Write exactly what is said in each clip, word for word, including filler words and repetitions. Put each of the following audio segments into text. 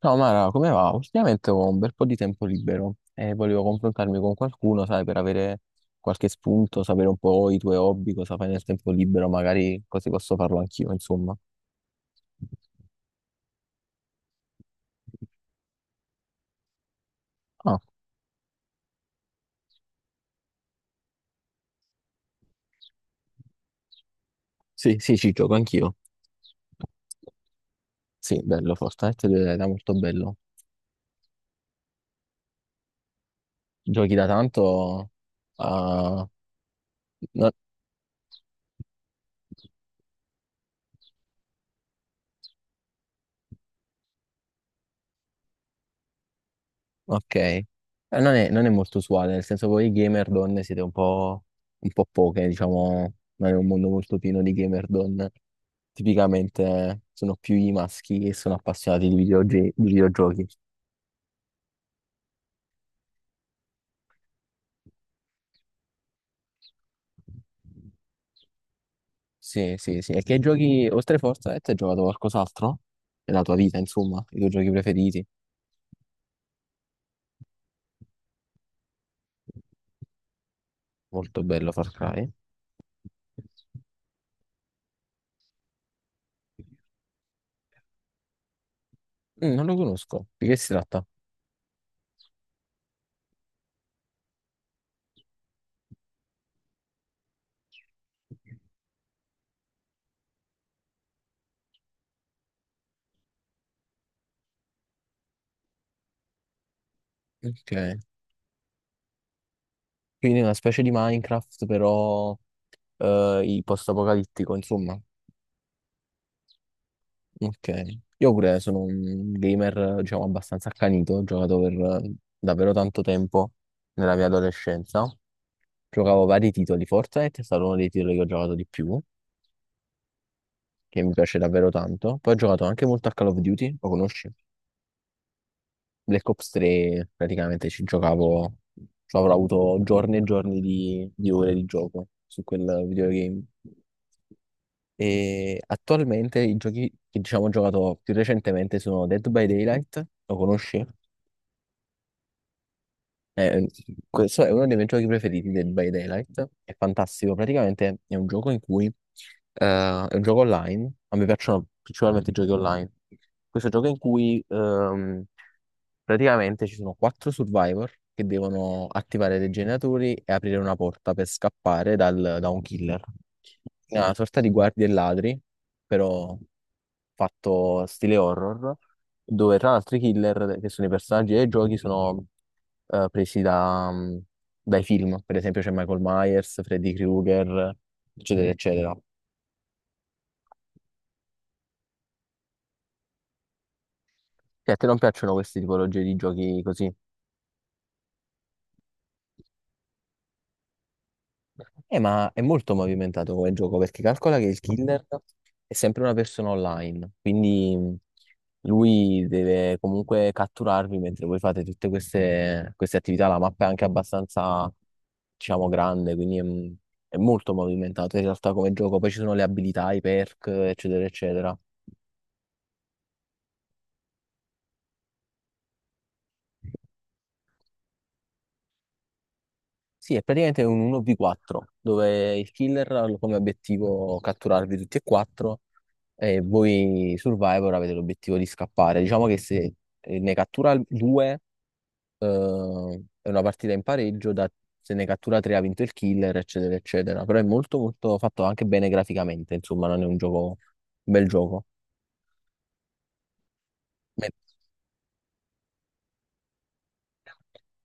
Ciao Mara, come va? Ultimamente ho un bel po' di tempo libero e volevo confrontarmi con qualcuno, sai, per avere qualche spunto, sapere un po' i tuoi hobby, cosa fai nel tempo libero, magari così posso farlo anch'io, insomma. Ah, sì, sì, ci gioco anch'io. Sì, bello, Fortnite è molto bello. Giochi da tanto? Ah, no- ok. Eh, non è, non è molto usuale, nel senso voi gamer donne siete un po', un po' poche, diciamo, non è un mondo molto pieno di gamer donne. Tipicamente sono più i maschi che sono appassionati di videogi- di videogiochi. Sì, sì, sì. E che giochi, oltre Fortnite, hai giocato qualcos'altro? Nella tua vita, insomma, i tuoi giochi preferiti? Molto bello Far Cry. Mm, non lo conosco. Di che si tratta? Ok. Quindi una specie di Minecraft, però eh, i post-apocalittico, insomma. Ok. Io pure sono un gamer, diciamo, abbastanza accanito, ho giocato per eh, davvero tanto tempo nella mia adolescenza. Giocavo vari titoli, Fortnite è stato uno dei titoli che ho giocato di più, che mi piace davvero tanto. Poi ho giocato anche molto a Call of Duty, lo conosci? Black Ops tre, praticamente ci giocavo, ci avrò avuto giorni e giorni di, di ore di gioco su quel videogame. E attualmente i giochi che diciamo ho giocato più recentemente sono Dead by Daylight, lo conosci? Eh, Questo è uno dei miei giochi preferiti, Dead by Daylight, è fantastico, praticamente è un gioco in cui eh, è un gioco online, a me piacciono principalmente i giochi online. Questo gioco in cui ehm, praticamente ci sono quattro survivor che devono attivare dei generatori e aprire una porta per scappare dal- da un killer. Una sorta di guardie e ladri però fatto stile horror, dove tra l'altro i killer, che sono i personaggi dei giochi, sono eh, presi da, mh, dai film. Per esempio c'è Michael Myers, Freddy Krueger, eccetera, eccetera. Che a te non piacciono queste tipologie di giochi così? Eh, ma è molto movimentato come gioco perché calcola che il killer è sempre una persona online, quindi mh, lui deve comunque catturarvi mentre voi fate tutte queste, queste attività. La mappa è anche abbastanza, diciamo, grande, quindi è, mh, è molto movimentato in realtà come gioco. Poi ci sono le abilità, i perk, eccetera, eccetera. Sì, è praticamente un uno vu quattro dove il killer ha come obiettivo catturarvi tutti e quattro. E voi Survivor avete l'obiettivo di scappare. Diciamo che se eh, ne cattura due, eh, è una partita in pareggio, da- se ne cattura tre ha vinto il killer, eccetera, eccetera. Però è molto, molto fatto anche bene graficamente, insomma, non è un gioco, un bel gioco.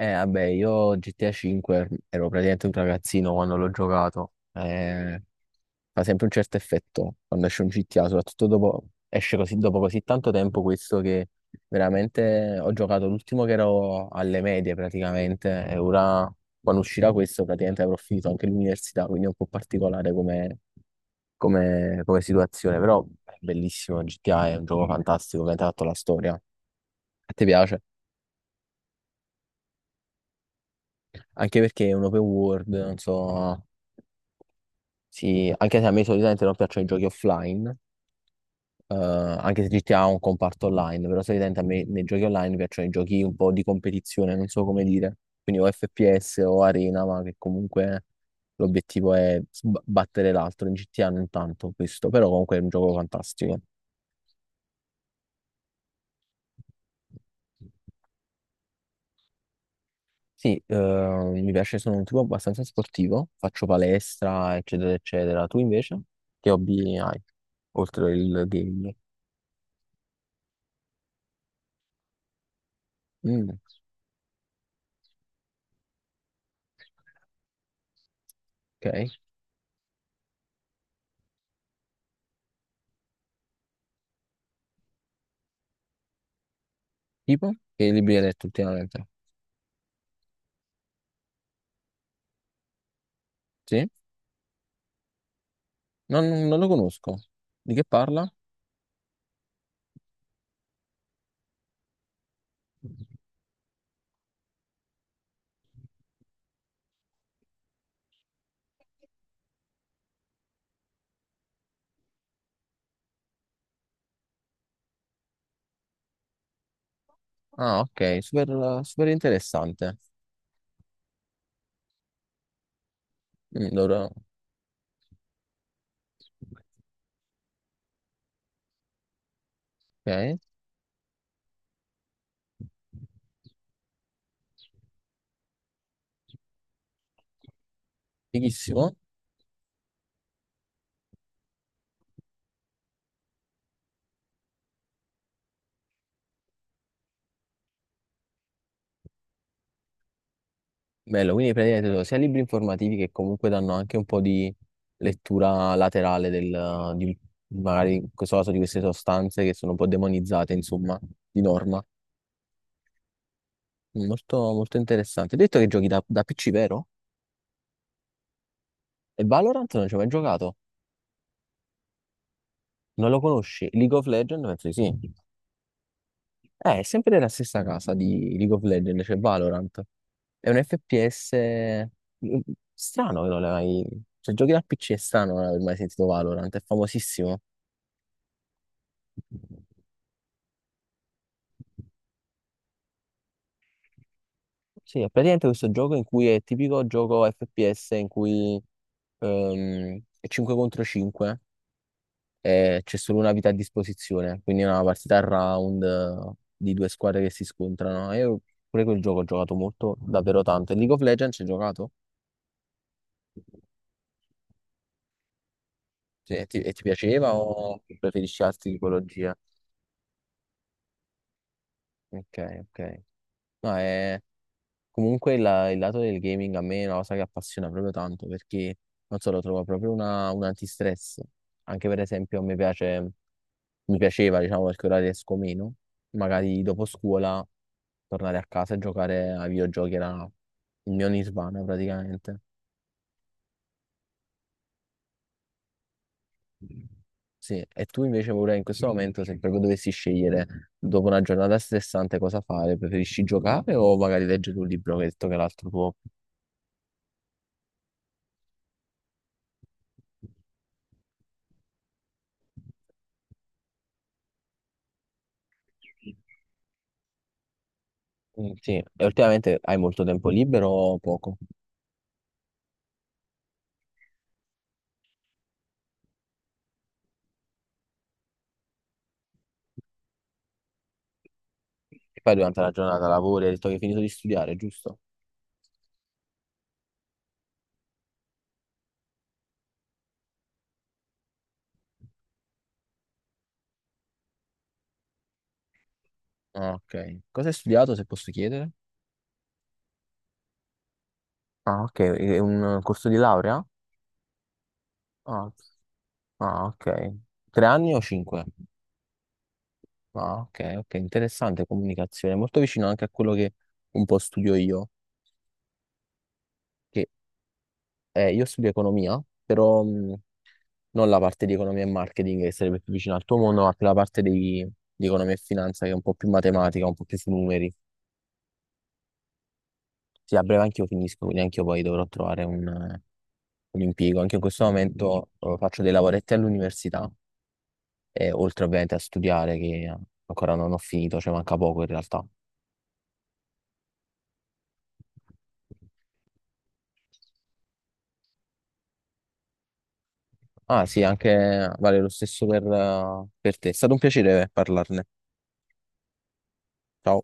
Eh, vabbè, io G T A cinque ero praticamente un ragazzino quando l'ho giocato. Eh, fa sempre un certo effetto quando esce un G T A, soprattutto dopo, esce così, dopo così tanto tempo questo che veramente ho giocato l'ultimo che ero alle medie praticamente e ora quando uscirà questo praticamente avrò finito anche l'università, quindi è un po' particolare come, come- come situazione, però è bellissimo, G T A è un gioco fantastico che ha tratto la storia. A te piace? Anche perché è un open world, non so... Sì, anche se a me solitamente non piacciono i giochi offline, eh, anche se G T A ha un comparto online, però solitamente a me nei giochi online piacciono i giochi un po' di competizione, non so come dire, quindi o F P S o Arena, ma che comunque l'obiettivo è sb- battere l'altro, in G T A non tanto questo, però comunque è un gioco fantastico. Sì, eh, mi piace, sono un tipo abbastanza sportivo, faccio palestra, eccetera, eccetera. Tu invece, che hobby hai, oltre il gaming? Mm, ok. Tipo? Che libri hai letto ultimamente? Sì? Non, non lo conosco. Di che parla? Ah, ok, super, super interessante. Mm, allora, ok, fighissimo. Bello, quindi praticamente sono sia libri informativi che comunque danno anche un po' di lettura laterale del, di, magari in questo caso di queste sostanze che sono un po' demonizzate, insomma, di norma. Molto, molto interessante. Hai detto che giochi da, da P C, vero? E Valorant non ci hai mai giocato? Non lo conosci? League of Legends? Penso di sì. Eh, è sempre della stessa casa di League of Legends, cioè Valorant. È un F P S mm, mm, strano che non l'hai mai... Cioè, giochi da P C è strano non aver mai sentito Valorant, è famosissimo. Sì, è praticamente questo gioco in cui è il tipico gioco F P S in cui ehm, è cinque contro cinque e c'è solo una vita a disposizione, quindi è una partita a round eh, di due squadre che si scontrano. Io pure quel gioco ho giocato molto, davvero tanto. E League of Legends ci hai giocato? Sì, E ti, e ti piaceva o preferisci altre tipologie? Ok, ok. No, è... Comunque la- il lato del gaming a me è una cosa che appassiona proprio tanto perché, non so, lo trovo proprio una, un antistress. Anche per esempio mi piace, mi piaceva, diciamo, perché ora riesco meno. Magari dopo scuola tornare a casa e giocare ai videogiochi era il mio nirvana praticamente. Sì, e tu invece vorrei in questo momento, se proprio dovessi scegliere dopo una giornata stressante cosa fare, preferisci giocare o magari leggere un libro, che hai detto che è l'altro tuo? Mm, sì, e ultimamente hai molto tempo libero o poco? E poi durante la giornata lavori, hai detto che hai finito di studiare, giusto? Ah, ok. Cosa hai studiato, se posso chiedere? Ah, ok, è un corso di laurea? Ah, ah, ok. Tre anni o cinque? Ah, ok, ok, interessante comunicazione, molto vicino anche a quello che un po' studio io. Che Eh, io studio economia, però mh, non la parte di economia e marketing che sarebbe più vicina al tuo mondo, ma più la parte di, di economia e finanza che è un po' più matematica, un po' più sui numeri. Sì, a breve anch'io finisco, quindi anch'io poi dovrò trovare un, eh, un impiego. Anche in questo momento eh, faccio dei lavoretti all'università, e oltre ovviamente a studiare che ancora non ho finito, cioè manca poco in realtà. Ah sì, anche vale lo stesso per eh, per te. È stato un piacere parlarne. Ciao.